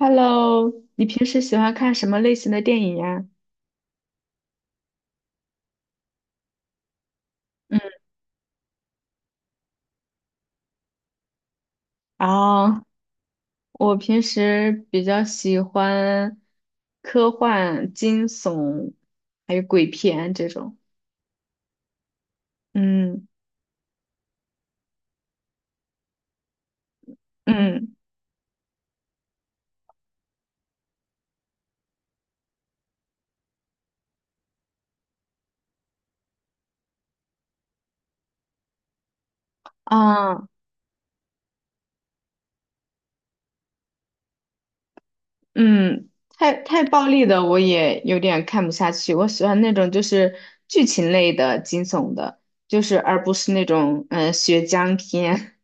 Hello，你平时喜欢看什么类型的电影呀？嗯，然后我平时比较喜欢科幻、惊悚，还有鬼片这种。嗯嗯啊嗯，太暴力的我也有点看不下去。我喜欢那种就是剧情类的、惊悚的，就是而不是那种血浆片。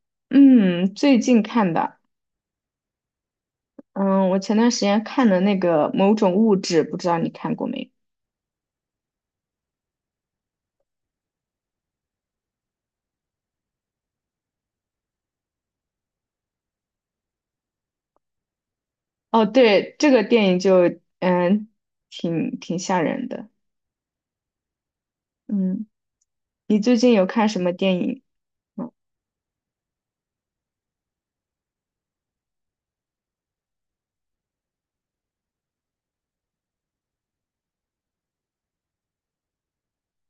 嗯，最近看的。嗯，我前段时间看的那个《某种物质》，不知道你看过没？哦，对，这个电影就挺吓人的。嗯，你最近有看什么电影吗？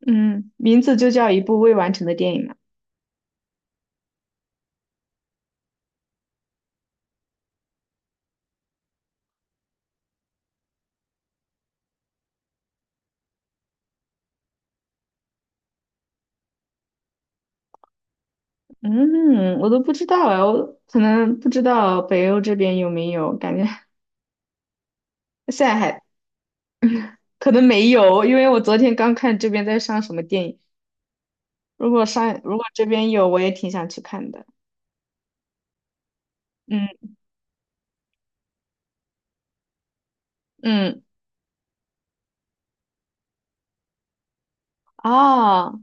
嗯，名字就叫一部未完成的电影嘛。嗯，我都不知道啊，我可能不知道北欧这边有没有，感觉 现在还可能没有，因为我昨天刚看这边在上什么电影，如果这边有，我也挺想去看的。嗯嗯啊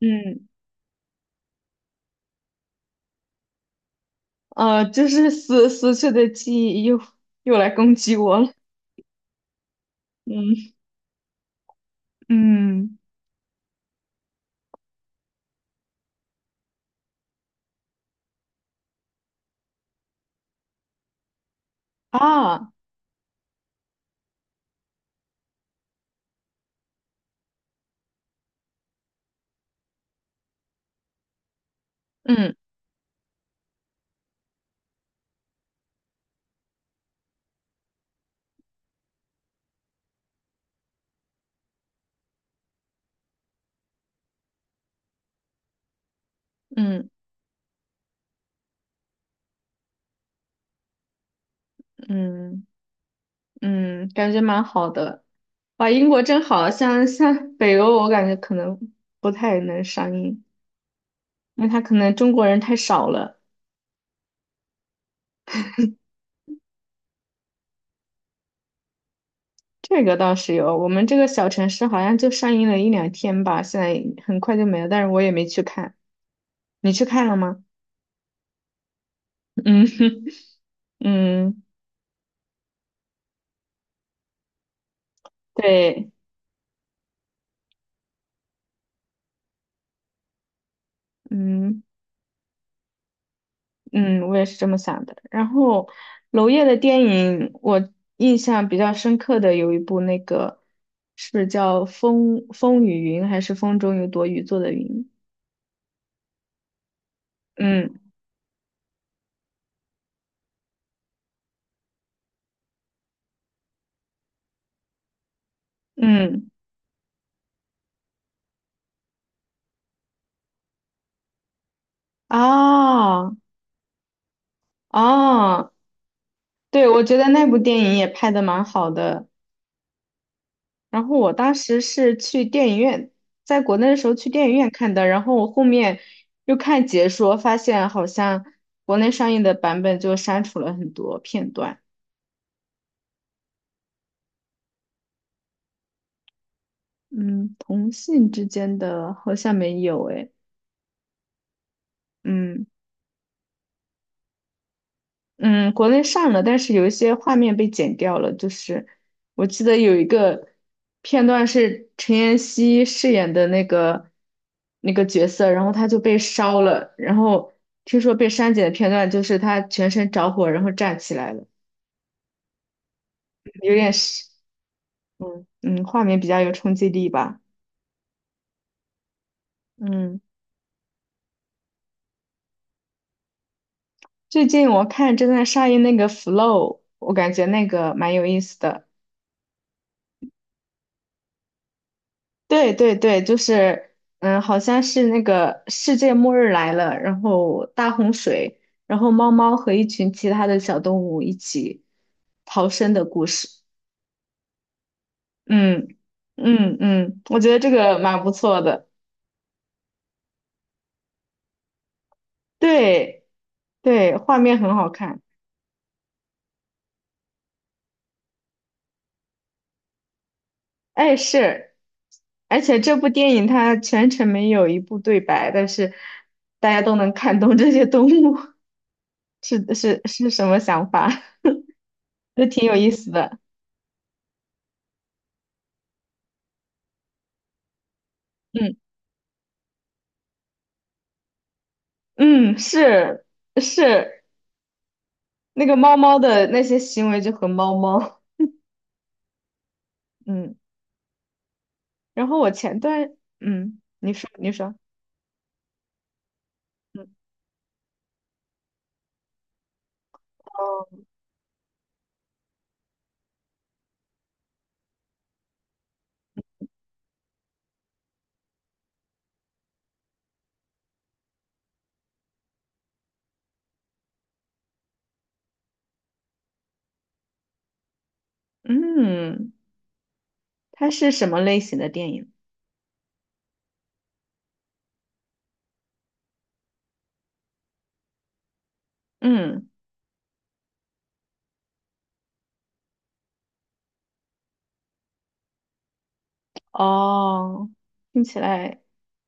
嗯。就是死去的记忆又来攻击我了。嗯嗯啊，嗯嗯嗯嗯，感觉蛮好的。哇，英国真好，像北欧，我感觉可能不太能上映，因为它可能中国人太少了。这个倒是有，我们这个小城市好像就上映了一两天吧，现在很快就没了，但是我也没去看。你去看了吗？嗯嗯，对，嗯。嗯，我也是这么想的。然后，娄烨的电影，我印象比较深刻的有一部，那个是叫《风风雨云》还是《风中有朵雨做的云》？嗯嗯，啊啊，对，我觉得那部电影也拍的蛮好的。然后我当时是去电影院，在国内的时候去电影院看的，然后我后面又看解说，发现好像国内上映的版本就删除了很多片段。嗯，同性之间的好像没有诶。嗯嗯，国内上了，但是有一些画面被剪掉了。就是我记得有一个片段是陈妍希饰演的那个角色，然后他就被烧了，然后听说被删减的片段就是他全身着火，然后站起来了，有点是画面比较有冲击力吧。嗯，最近我看正在上映那个《Flow》，我感觉那个蛮有意思的。对对对，就是，好像是那个世界末日来了，然后大洪水，然后猫猫和一群其他的小动物一起逃生的故事。嗯嗯嗯，我觉得这个蛮不错的。对对，画面很好看。哎，是，而且这部电影它全程没有一部对白，但是大家都能看懂这些动物 是什么想法，就挺有意思的。嗯。嗯，是是，那个猫猫的那些行为就和猫猫，嗯，然后我前段，你说你说，嗯嗯，它是什么类型的电影？嗯，哦，听起来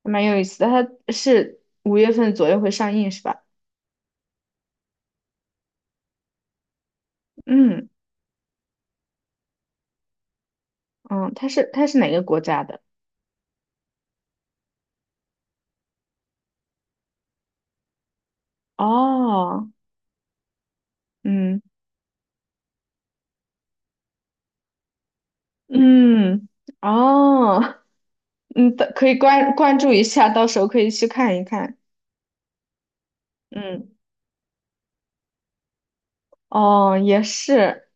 还蛮有意思的，它是五月份左右会上映是吧？嗯嗯，它是哪个国家的？哦，嗯嗯，哦，嗯，可以关注一下，到时候可以去看一看。嗯。哦，也是，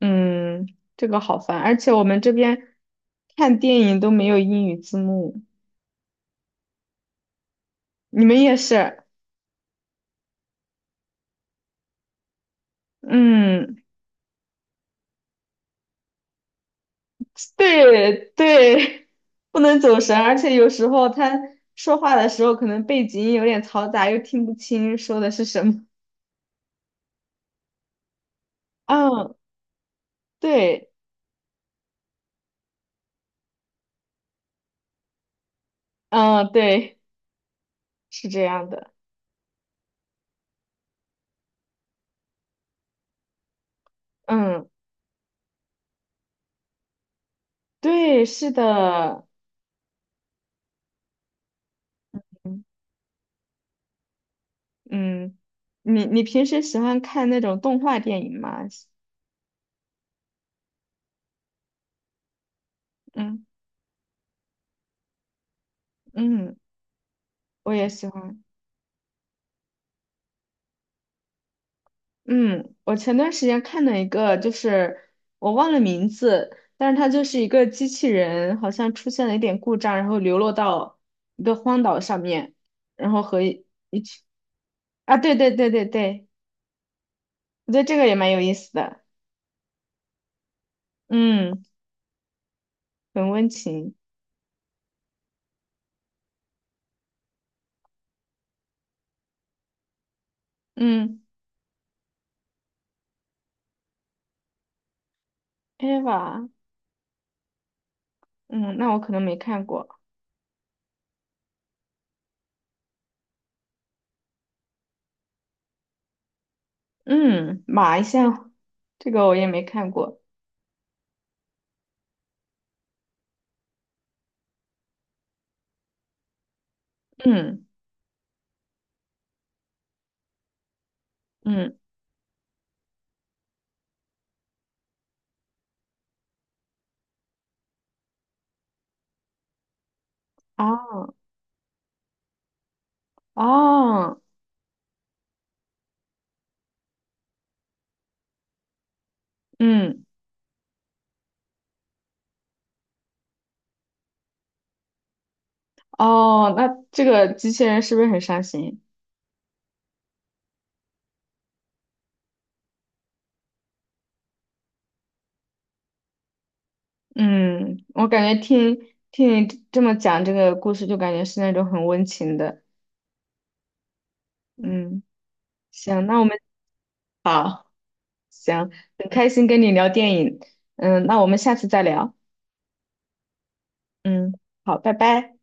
嗯，这个好烦，而且我们这边看电影都没有英语字幕，你们也是，嗯，对对，不能走神，而且有时候他说话的时候可能背景音有点嘈杂，又听不清说的是什么。嗯，对，嗯，对，是这样的，嗯，对，是的，嗯，嗯你平时喜欢看那种动画电影吗？嗯嗯。我也喜欢。嗯，我前段时间看了一个，就是我忘了名字，但是它就是一个机器人，好像出现了一点故障，然后流落到一个荒岛上面，然后和一起啊，对对对对对，我觉得这个也蛮有意思的，嗯，很温情，嗯，Eva，嗯，那我可能没看过，嗯，马一下，这个我也没看过，嗯嗯，哦哦，嗯。哦，那这个机器人是不是很伤心？嗯，我感觉听你这么讲这个故事，就感觉是那种很温情的。嗯，行，那我们好，行，很开心跟你聊电影。嗯，那我们下次再聊。嗯，好，拜拜。